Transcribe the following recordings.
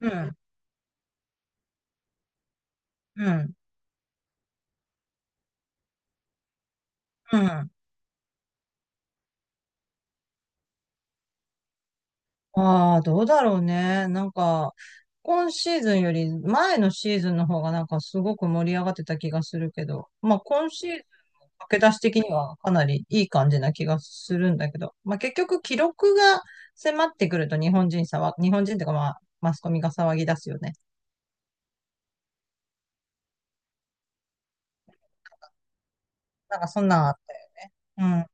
うん、うん、うん。ああ、どうだろうね。なんか、今シーズンより前のシーズンの方がなんかすごく盛り上がってた気がするけど、まあ今シーズン駆け出し的にはかなりいい感じな気がするんだけど、まあ結局記録が迫ってくると日本人とかまあマスコミが騒ぎ出すよね。なんかそんなんあったよ。うん、うん、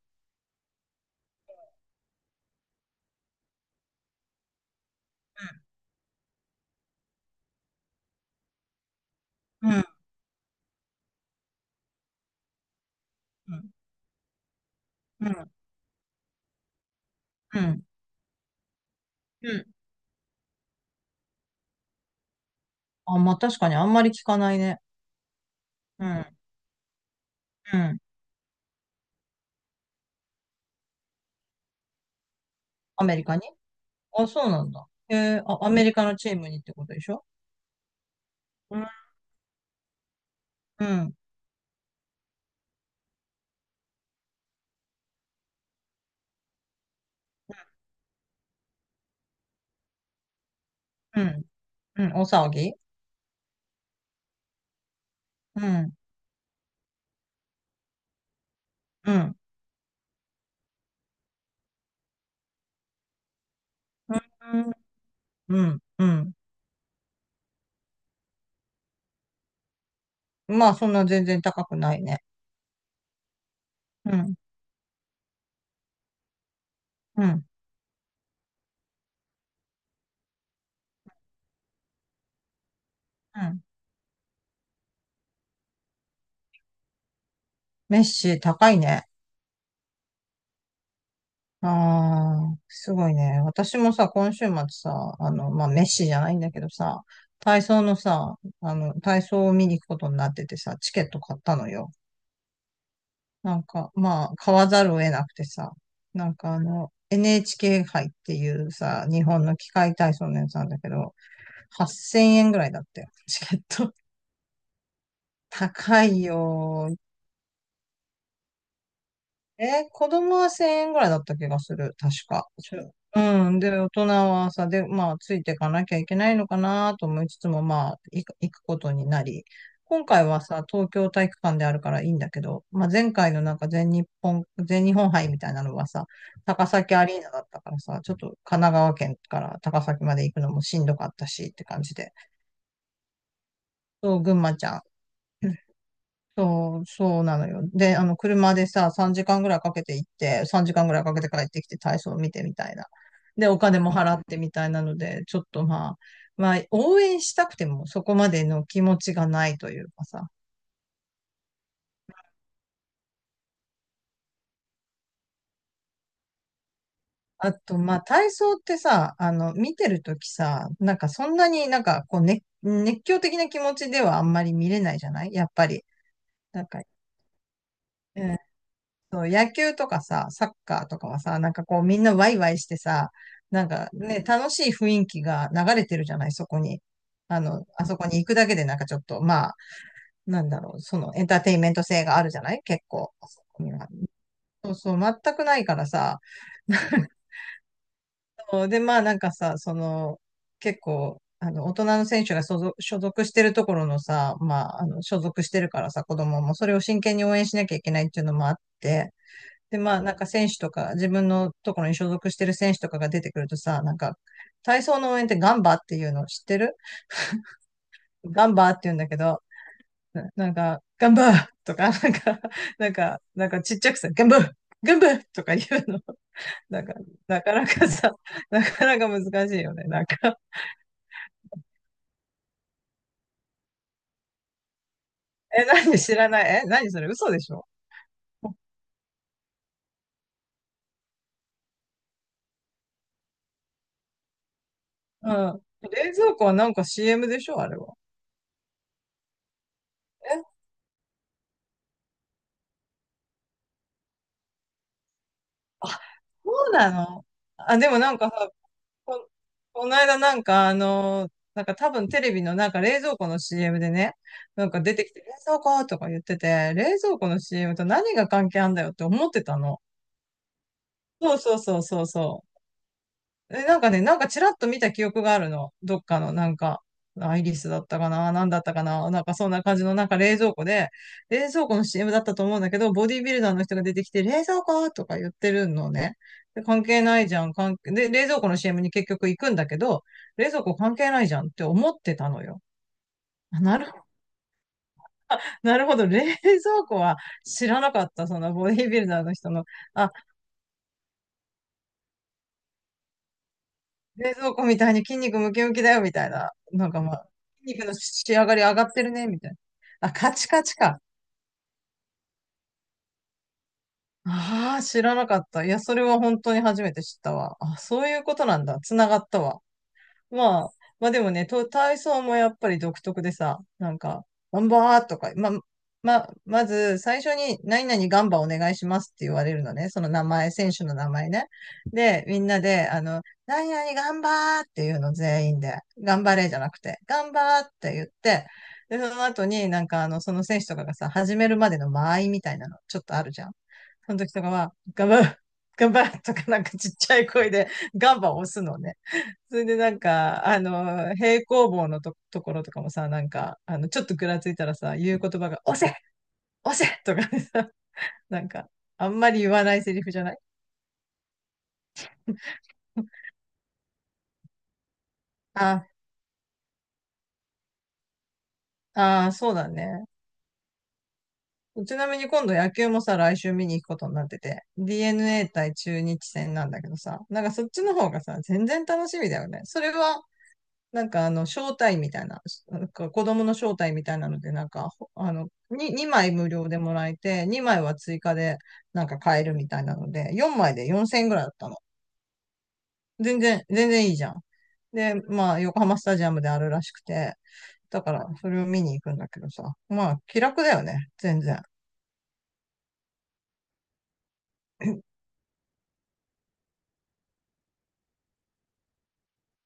うん、うん、うん。うん。あ、まあ確かにあんまり聞かないね。うん、うん。アメリカあ、そうなんだ。へえ、あ、アメリカのチームにってことでしょ？うん、うん、うん、うん、お騒ぎ。うん、うん、うん、うん。うん。まあ、そんな全然高くないね。うん、うん、うん。メッシ高いね。ああ、すごいね。私もさ、今週末さ、あの、まあ、メッシじゃないんだけどさ、体操のさ、あの、体操を見に行くことになっててさ、チケット買ったのよ。なんか、まあ、買わざるを得なくてさ、なんかあの、NHK 杯っていうさ、日本の器械体操のやつなんだけど、8000円ぐらいだったよ、チケット。高いよ。え、子供は1000円ぐらいだった気がする、確か。うん。で、大人はさ、で、まあ、ついていかなきゃいけないのかなと思いつつも、まあ、行くことになり、今回はさ、東京体育館であるからいいんだけど、まあ、前回のなんか全日本杯みたいなのはさ、高崎アリーナだったからさ、ちょっと神奈川県から高崎まで行くのもしんどかったしって感じで、そう、群馬ちゃん。そう、そうなのよ。で、あの、車でさ、3時間ぐらいかけて行って、3時間ぐらいかけて帰ってきて体操見てみたいな。で、お金も払ってみたいなので、ちょっとまあ、まあ、応援したくてもそこまでの気持ちがないというかさ。あと、まあ、体操ってさ、あの、見てるときさ、なんかそんなになんかこう、ね、熱狂的な気持ちではあんまり見れないじゃないやっぱり。なんか、うんその野球とかさ、サッカーとかはさ、なんかこうみんなワイワイしてさ、なんかね、楽しい雰囲気が流れてるじゃない、そこに。あの、あそこに行くだけでなんかちょっと、まあ、なんだろう、そのエンターテインメント性があるじゃない結構。あそこには。そうそう、全くないからさ。そうで、まあなんかさ、その、結構、あの、大人の選手が所属してるところのさ、まあ、あの、所属してるからさ、子供もそれを真剣に応援しなきゃいけないっていうのもあって、で、まあ、なんか選手とか、自分のところに所属してる選手とかが出てくるとさ、なんか、体操の応援ってガンバっていうの知ってる？ガンバって言うんだけど、なんか、ガンバー とか、なんかちっちゃくさ、ガンバーガンバーとか言うの。なんか、なかなかさ、なかなか難しいよね。なんか、え、何？知らない？え、何それ？嘘でしょ？うん。冷蔵庫はなんか CM でしょ、あれは。え、あ、そうなの？あ、でもなんかさ、こ、この間なんかあの、なんか多分テレビのなんか冷蔵庫の CM でね、なんか出てきて冷蔵庫とか言ってて、冷蔵庫の CM と何が関係あんだよって思ってたの。そうそうそうそうそう。え、なんかね、なんかちらっと見た記憶があるの。どっかの、なんか、アイリスだったかな、なんだったかな、なんかそんな感じの、なんか冷蔵庫で、冷蔵庫の CM だったと思うんだけど、ボディービルダーの人が出てきて、冷蔵庫とか言ってるのね。で、関係ないじゃん、関係、で、冷蔵庫の CM に結局行くんだけど、冷蔵庫関係ないじゃんって思ってたのよ。あ、なるほど、なるほど、冷蔵庫は知らなかった、そのボディービルダーの人の。あ、冷蔵庫みたいに筋肉ムキムキだよ、みたいな。なんかまあ、筋肉の仕上がり上がってるね、みたいな。あ、カチカチか。ああ、知らなかった。いや、それは本当に初めて知ったわ。あ、そういうことなんだ。つながったわ。まあ、まあでもね、と体操もやっぱり独特でさ、なんか、ガンバーとか、まあ、まず最初に何々ガンバお願いしますって言われるのね。その名前、選手の名前ね。で、みんなで、あの、何々ガンバーっていうの全員で、頑張れじゃなくて、ガンバーって言って、で、その後になんかあの、その選手とかがさ、始めるまでの間合いみたいなのちょっとあるじゃん。その時とかは、ガンバー、ガンバーとかなんかちっちゃい声でガンバを押すのね。それでなんか、あの、平行棒のところとかもさ、なんか、あの、ちょっとぐらついたらさ、言う言葉が、押せ押せとかでさ、なんか、あんまり言わないセリフじゃない？ あ、ああ、そうだね。ちなみに今度野球もさ、来週見に行くことになってて、DNA 対中日戦なんだけどさ、なんかそっちの方がさ、全然楽しみだよね。それはなんかあの、招待みたいな、なんか子供の招待みたいなので、なんか、あの、に2枚無料でもらえて、2枚は追加でなんか買えるみたいなので、4枚で4000円ぐらいだったの。全然、全然いいじゃん。で、まあ、横浜スタジアムであるらしくて、だから、それを見に行くんだけどさ、まあ、気楽だよね、全然。うん、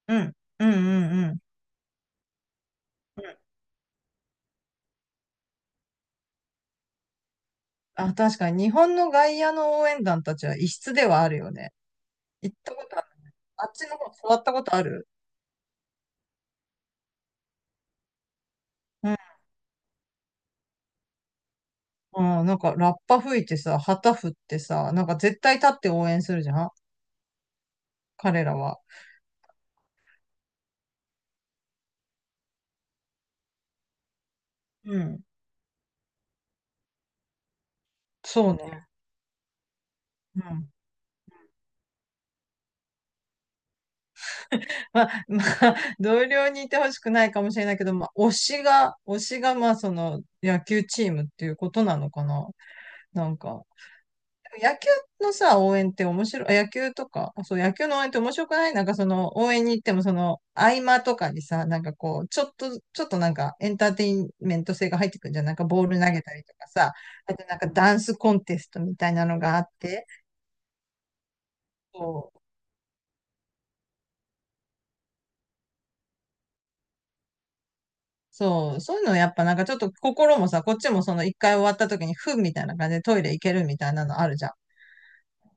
うん、うん、うん、うん。あ、確かに、日本の外野の応援団たちは異質ではあるよね。行ったことある。あっちの方、座ったことある？うん、なんかラッパ吹いてさ、旗振ってさ、なんか絶対立って応援するじゃん、彼らは。うん。そうね。うん。まあ、まあ、同僚にいてほしくないかもしれないけど、まあ、推しが、まあ、その、野球チームっていうことなのかな。なんか、野球のさ、応援って面白い、あ野球とか、あそう、野球の応援って面白くない？なんかその、応援に行ってもその、合間とかにさ、なんかこう、ちょっとなんか、エンターテインメント性が入ってくるんじゃん。なんかボール投げたりとかさ、あとなんかダンスコンテストみたいなのがあって、そう、そう、そういうのやっぱなんかちょっと心もさ、こっちもその、一回終わった時に、ふんみたいな感じでトイレ行けるみたいなのあるじゃん。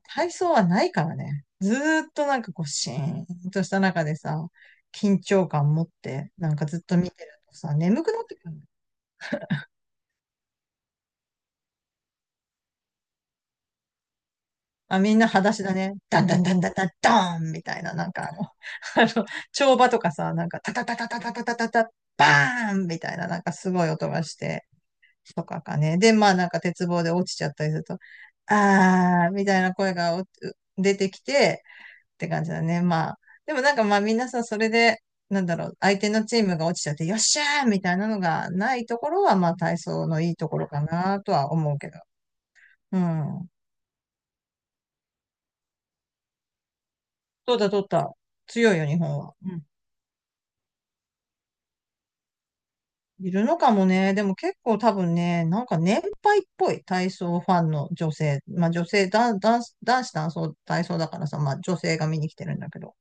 体操はないからね。ずーっとなんかこう、シーンとした中でさ、緊張感持って、なんかずっと見てるとさ、眠くなってくるの。あ、みんな裸足だね。ダンダンダンダンダンダーンみたいな、なんかあの、あの、跳馬とかさ、なんかタタタタタタタタタタ、バーンみたいな、なんかすごい音がして、とかかね。で、まあなんか鉄棒で落ちちゃったりすると、あーみたいな声が出てきて、って感じだね。まあ、でもなんかまあみんなさ、それで、なんだろう、相手のチームが落ちちゃって、よっしゃーみたいなのがないところは、まあ体操のいいところかなとは思うけど。うん。どうだどうだ。強いよ、日本は。うん。いるのかもね。でも結構多分ね、なんか年配っぽい体操ファンの女性。まあ女性、男子体操、体操だからさ、まあ女性が見に来てるんだけど。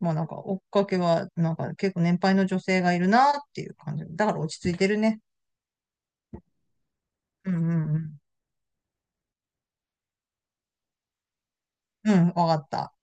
まあなんか追っかけは、なんか結構年配の女性がいるなっていう感じ。だから落ち着いてるね。うんうんうん。うん、わかった。